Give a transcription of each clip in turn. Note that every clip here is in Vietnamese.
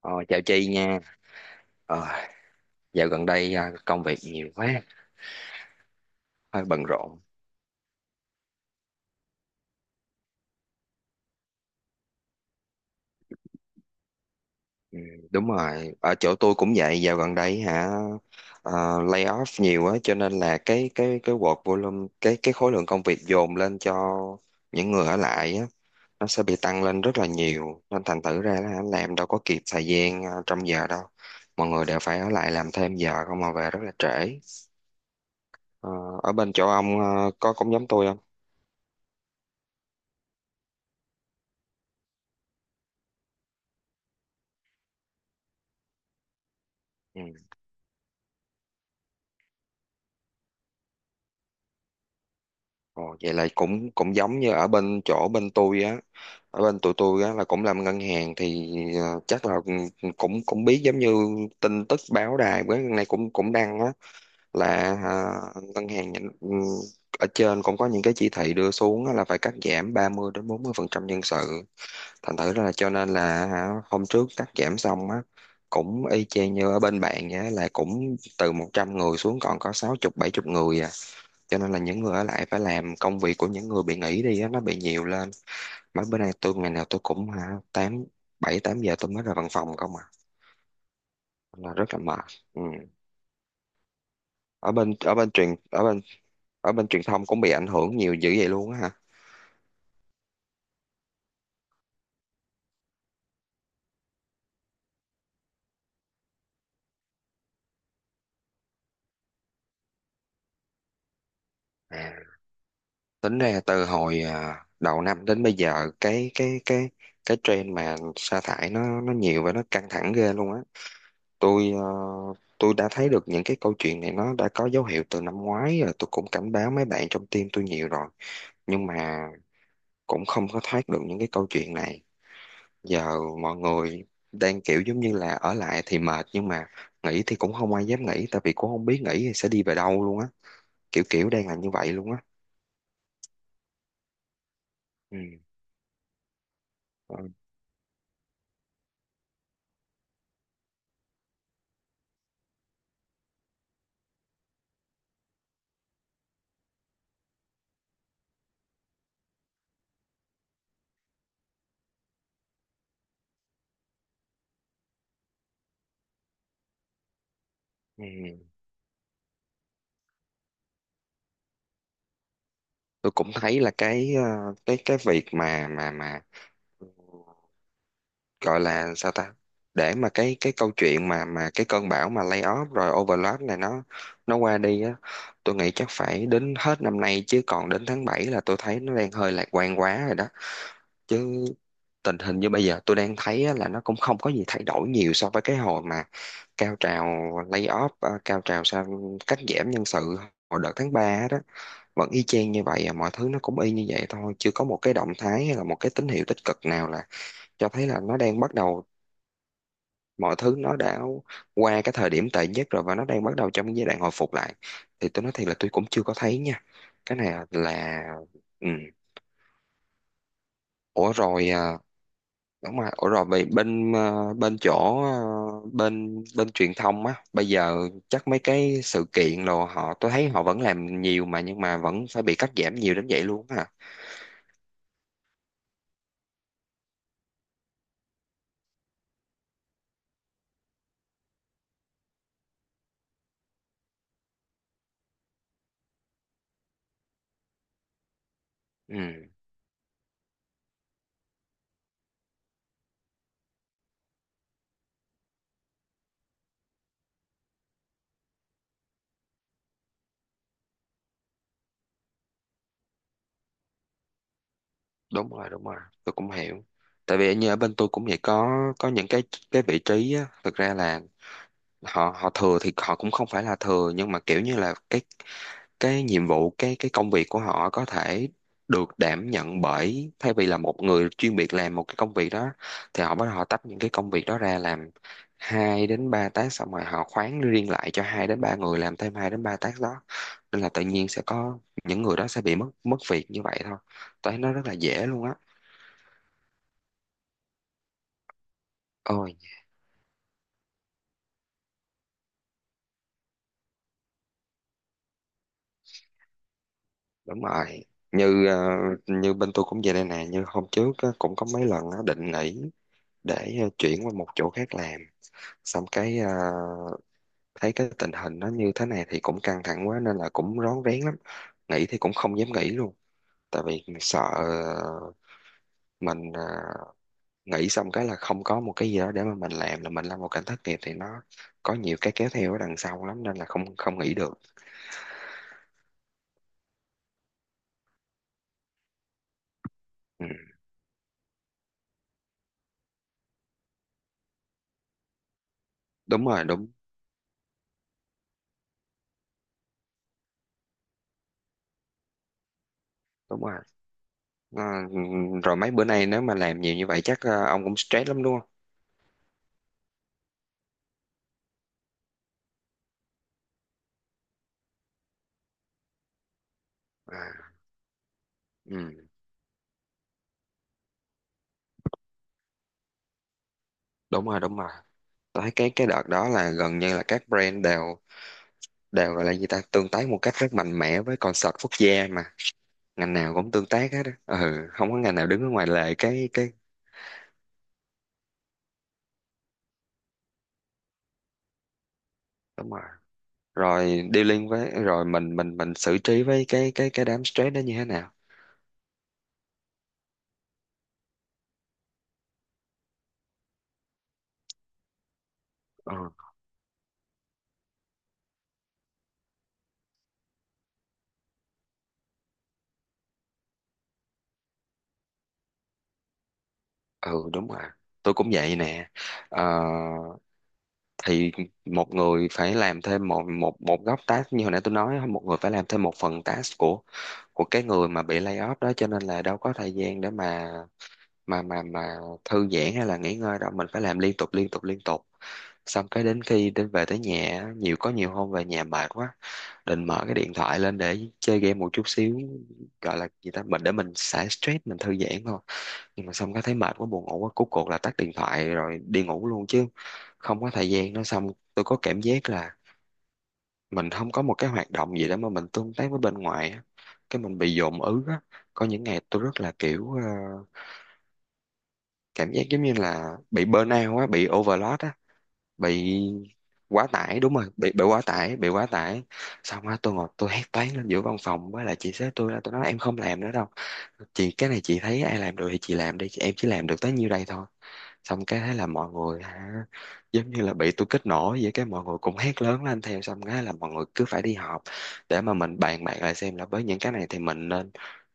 Ờ, chào chị nha. Ờ, dạo gần đây à, công việc nhiều quá, hơi bận rộn. Ừ, đúng rồi, ở chỗ tôi cũng vậy. Dạo gần đây hả, lay off nhiều á, cho nên là cái work volume, cái khối lượng công việc dồn lên cho những người ở lại á, nó sẽ bị tăng lên rất là nhiều. Nên thành thử ra là làm đâu có kịp thời gian à, trong giờ đâu. Mọi người đều phải ở lại làm thêm giờ không mà về rất là trễ. Ờ, ở bên chỗ ông à, có cũng giống tôi không? Ừ. Ồ, vậy là cũng cũng giống như ở bên chỗ bên tôi á, ở bên tụi tôi á là cũng làm ngân hàng thì ờ, chắc là ừ, cũng cũng biết giống như tin tức báo đài với này cũng cũng đăng á, là à, ngân hàng nhà- ừm, ở trên cũng có những cái chỉ thị đưa xuống á, là phải cắt giảm 30 đến 40 phần trăm nhân sự, thành thử ra là cho nên là hả, hôm trước cắt giảm xong á, cũng y chang như ở bên bạn vậy á, là cũng từ 100 người xuống còn có sáu chục bảy chục người à, cho nên là những người ở lại phải làm công việc của những người bị nghỉ đi á, nó bị nhiều lên. Mấy bữa nay tôi ngày nào tôi cũng hả, tám bảy tám giờ tôi mới ra văn phòng không à, là rất là mệt. Ừ. ở bên ở bên truyền ở bên Ở bên truyền thông cũng bị ảnh hưởng nhiều dữ vậy luôn á hả? Tính ra từ hồi à, đầu năm đến bây giờ cái cái trend mà sa thải nó nhiều và nó căng thẳng ghê luôn á. tôi ờ, tôi đã thấy được những cái câu chuyện này nó đã có dấu hiệu từ năm ngoái rồi, tôi cũng cảnh báo mấy bạn trong team tôi nhiều rồi, nhưng mà cũng không có thoát được những cái câu chuyện này. Giờ mọi người đang kiểu giống như là ở lại thì mệt, nhưng mà nghỉ thì cũng không ai dám nghỉ, tại vì cũng không biết nghỉ thì sẽ đi về đâu luôn á, kiểu kiểu đang là như vậy luôn á. Ừ. Ờ. Ừ. Tôi cũng thấy là cái ờ, cái việc mà mà gọi là sao ta, để mà cái câu chuyện mà cái cơn bão mà layoff rồi overload này nó qua đi á, tôi nghĩ chắc phải đến hết năm nay, chứ còn đến tháng 7 là tôi thấy nó đang hơi lạc quan quá rồi đó. Chứ tình hình như bây giờ tôi đang thấy á, là nó cũng không có gì thay đổi nhiều so với cái hồi mà cao trào layoff, cao trào sao, cắt giảm nhân sự hồi đợt tháng 3, vẫn y chang như vậy à, mọi thứ nó cũng y như vậy thôi, chưa có một cái động thái hay là một cái tín hiệu tích cực nào là cho thấy là nó đang bắt đầu, mọi thứ nó đã qua cái thời điểm tệ nhất rồi và nó đang bắt đầu trong giai đoạn hồi phục lại, thì tôi nói thiệt là tôi cũng chưa có thấy nha, cái này là ừ. Ủa rồi à, đúng rồi, ủa rồi vậy bên à, bên chỗ à, bên bên truyền thông á bây giờ chắc mấy cái sự kiện rồi họ, tôi thấy họ vẫn làm nhiều mà, nhưng mà vẫn phải bị cắt giảm nhiều đến vậy luôn á hả? Ừ, đúng rồi đúng rồi. Tôi cũng hiểu, tại vì như ở bên tôi cũng vậy, có những cái vị trí á, thực ra là họ họ thừa thì họ cũng không phải là thừa, nhưng mà kiểu như là cái nhiệm vụ cái công việc của họ có thể được đảm nhận bởi thay vì là một người chuyên biệt làm một cái công việc đó, thì họ bắt đầu họ tách những cái công việc đó ra làm hai đến ba task, xong rồi họ khoán riêng lại cho hai đến ba người làm thêm hai đến ba task đó, nên là tự nhiên sẽ có những người đó sẽ bị mất mất việc như vậy thôi. Tôi thấy nó rất là dễ luôn á. Ôi, đúng rồi. Như ờ, như bên tôi cũng vậy đây nè, như hôm trước á, cũng có mấy lần á, định nghỉ để ờ, chuyển qua một chỗ khác làm. Xong cái ờ, thấy cái tình hình nó như thế này thì cũng căng thẳng quá nên là cũng rón rén lắm. Nghỉ thì cũng không dám nghỉ luôn, tại vì sợ ờ, mình ờ, nghỉ xong cái là không có một cái gì đó để mà mình làm, là mình lâm vào cảnh thất nghiệp thì nó có nhiều cái kéo theo ở đằng sau lắm, nên là không không nghỉ được. Ừ, đúng rồi, đúng, đúng rồi. Ờ, rồi mấy bữa nay nếu mà làm nhiều như vậy chắc ờ, ông cũng stress lắm đúng không? À, ừ, đúng rồi đúng rồi. Tôi thấy cái đợt đó là gần như là các brand đều đều gọi là gì ta, tương tác một cách rất mạnh mẽ với concert quốc gia mà, ngành nào cũng tương tác hết á. Ừ, không có ngành nào đứng ở ngoài lề cái, đúng rồi. Rồi dealing với, rồi mình xử trí với cái đám stress đó như thế nào? Ừ, ừ đúng rồi. Tôi cũng vậy nè. Ờ, thì một người phải làm thêm một một một góc task, như hồi nãy tôi nói, một người phải làm thêm một phần task của cái người mà bị lay off đó, cho nên là đâu có thời gian để mà mà mà mà thư giãn hay là nghỉ ngơi đâu, mình phải làm liên tục liên tục liên tục. Xong cái đến khi đến về tới nhà á, nhiều có nhiều hôm về nhà mệt quá, định mở cái điện thoại lên để chơi game một chút xíu, gọi là gì ta, mình để mình xả stress mình thư giãn thôi, nhưng mà xong cái thấy mệt quá buồn ngủ quá, cuối cùng là tắt điện thoại rồi đi ngủ luôn, chứ không có thời gian nữa. Xong tôi có cảm giác là mình không có một cái hoạt động gì để mà mình tương tác với bên ngoài á, cái mình bị dồn ứ á, có những ngày tôi rất là kiểu ờ, cảm giác giống như là bị burnout á, bị overload á, bị quá tải, đúng rồi, bị quá tải, bị quá tải. Xong á tôi ngồi tôi hét toáng lên giữa văn phòng với lại chị sếp tôi, là tôi nói em không làm nữa đâu chị, cái này chị thấy ai làm được thì chị làm đi, em chỉ làm được tới nhiêu đây thôi. Xong cái thế là mọi người hả, giống như là bị tôi kích nổ vậy, cái mọi người cũng hét lớn lên theo, xong cái là mọi người cứ phải đi họp để mà mình bàn bạc lại xem là với những cái này thì mình nên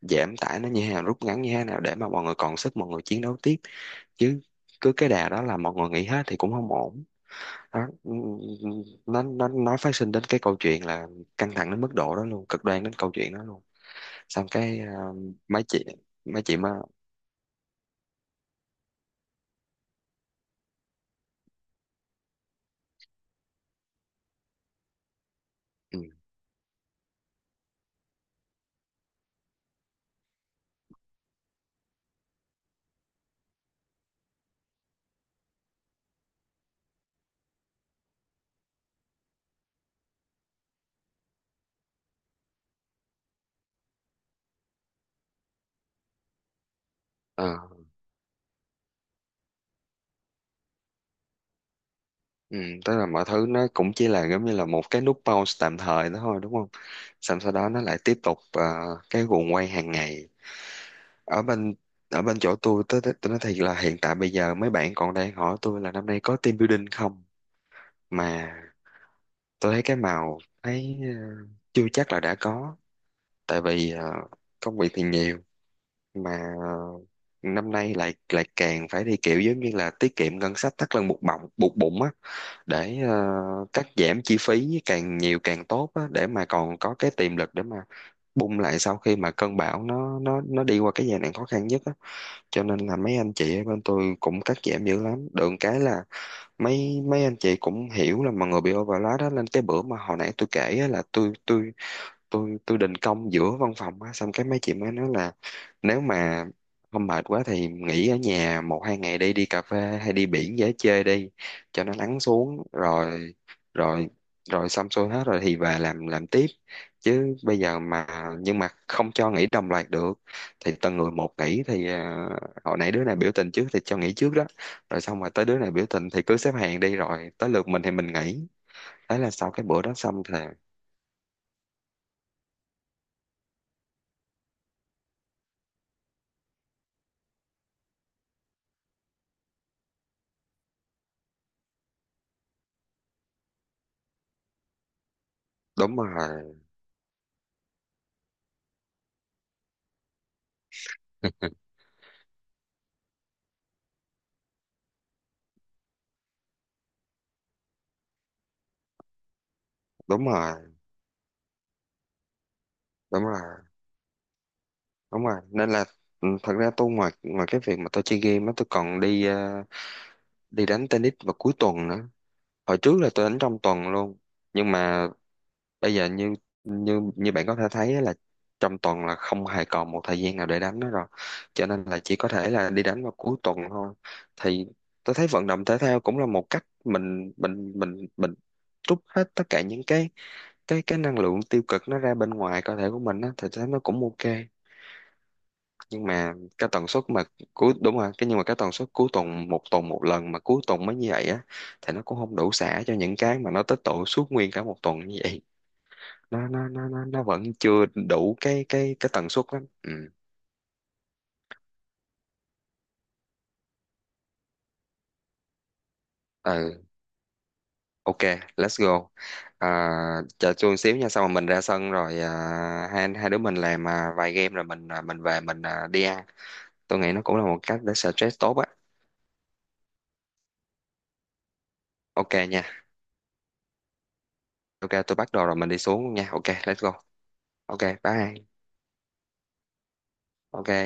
giảm tải nó như thế nào, rút ngắn như thế nào, để mà mọi người còn sức mọi người chiến đấu tiếp, chứ cứ cái đà đó là mọi người nghỉ hết thì cũng không ổn. Đó, ừ, ừ, ừ. Nó nó phát sinh đến cái câu chuyện là căng thẳng đến mức độ đó luôn, cực đoan đến câu chuyện đó luôn. Xong cái à, mấy chị, mấy chị mà ừ, ờ, ừ, tức là mọi thứ nó cũng chỉ là giống như là một cái nút pause tạm thời đó thôi, đúng không? Xong sau đó nó lại tiếp tục à, cái guồng quay hàng ngày. ở bên Ở bên chỗ tôi, tôi nói thiệt là hiện tại bây giờ mấy bạn còn đang hỏi tôi là năm nay có team building không, mà tôi thấy cái màu thấy ờ, chưa chắc là đã có, tại vì ờ, công việc thì nhiều mà năm nay lại lại càng phải đi kiểu giống như là tiết kiệm ngân sách, thắt lưng buộc bụng á, để ờ, cắt giảm chi phí càng nhiều càng tốt á, để mà còn có cái tiềm lực để mà bung lại sau khi mà cơn bão nó nó đi qua cái giai đoạn khó khăn nhất á, cho nên là mấy anh chị ở bên tôi cũng cắt giảm dữ lắm. Được cái là mấy mấy anh chị cũng hiểu là mọi người bị overload đó, nên cái bữa mà hồi nãy tôi kể á, là tôi tôi định công giữa văn phòng á, xong cái mấy chị mới nói là nếu mà không mệt quá thì nghỉ ở nhà một hai ngày, đi đi cà phê hay đi biển dễ chơi đi, cho nó lắng xuống rồi, rồi rồi xong xuôi hết rồi thì về làm tiếp, chứ bây giờ mà, nhưng mà không cho nghỉ đồng loạt được, thì từng người một nghỉ thì à, hồi nãy đứa này biểu tình trước thì cho nghỉ trước đó, rồi xong rồi tới đứa này biểu tình thì cứ xếp hàng đi, rồi tới lượt mình thì mình nghỉ. Thế là sau cái bữa đó xong thì đúng rồi đúng rồi, đúng rồi đúng rồi, nên là ừ, thật ra tôi ngoài ngoài cái việc mà tôi chơi game á, tôi còn đi ờ, đi đánh tennis vào cuối tuần nữa, hồi trước là tôi đánh trong tuần luôn, nhưng mà bây giờ như như như bạn có thể thấy á, là trong tuần là không hề còn một thời gian nào để đánh nữa rồi, cho nên là chỉ có thể là đi đánh vào cuối tuần thôi. Thì tôi thấy vận động thể thao cũng là một cách mình trút hết tất cả những cái cái năng lượng tiêu cực nó ra bên ngoài cơ thể của mình á, thì tôi thấy nó cũng ok. Nhưng mà cái tần suất mà cuối, đúng rồi, cái nhưng mà cái tần suất cuối tuần, một tuần một lần mà cuối tuần mới như vậy á, thì nó cũng không đủ xả cho những cái mà nó tích tụ suốt nguyên cả một tuần như vậy, nó vẫn chưa đủ cái tần suất lắm. Ừ, ừ, ok let's go. À, chờ chút xíu nha, xong rồi mình ra sân, rồi à, hai hai đứa mình làm à, vài game, rồi mình à, mình về, mình à, đi ăn. Tôi nghĩ nó cũng là một cách để stress tốt á. Ok nha. Ok tôi bắt đầu rồi, mình đi xuống nha. Ok let's go. Ok bye. Ok.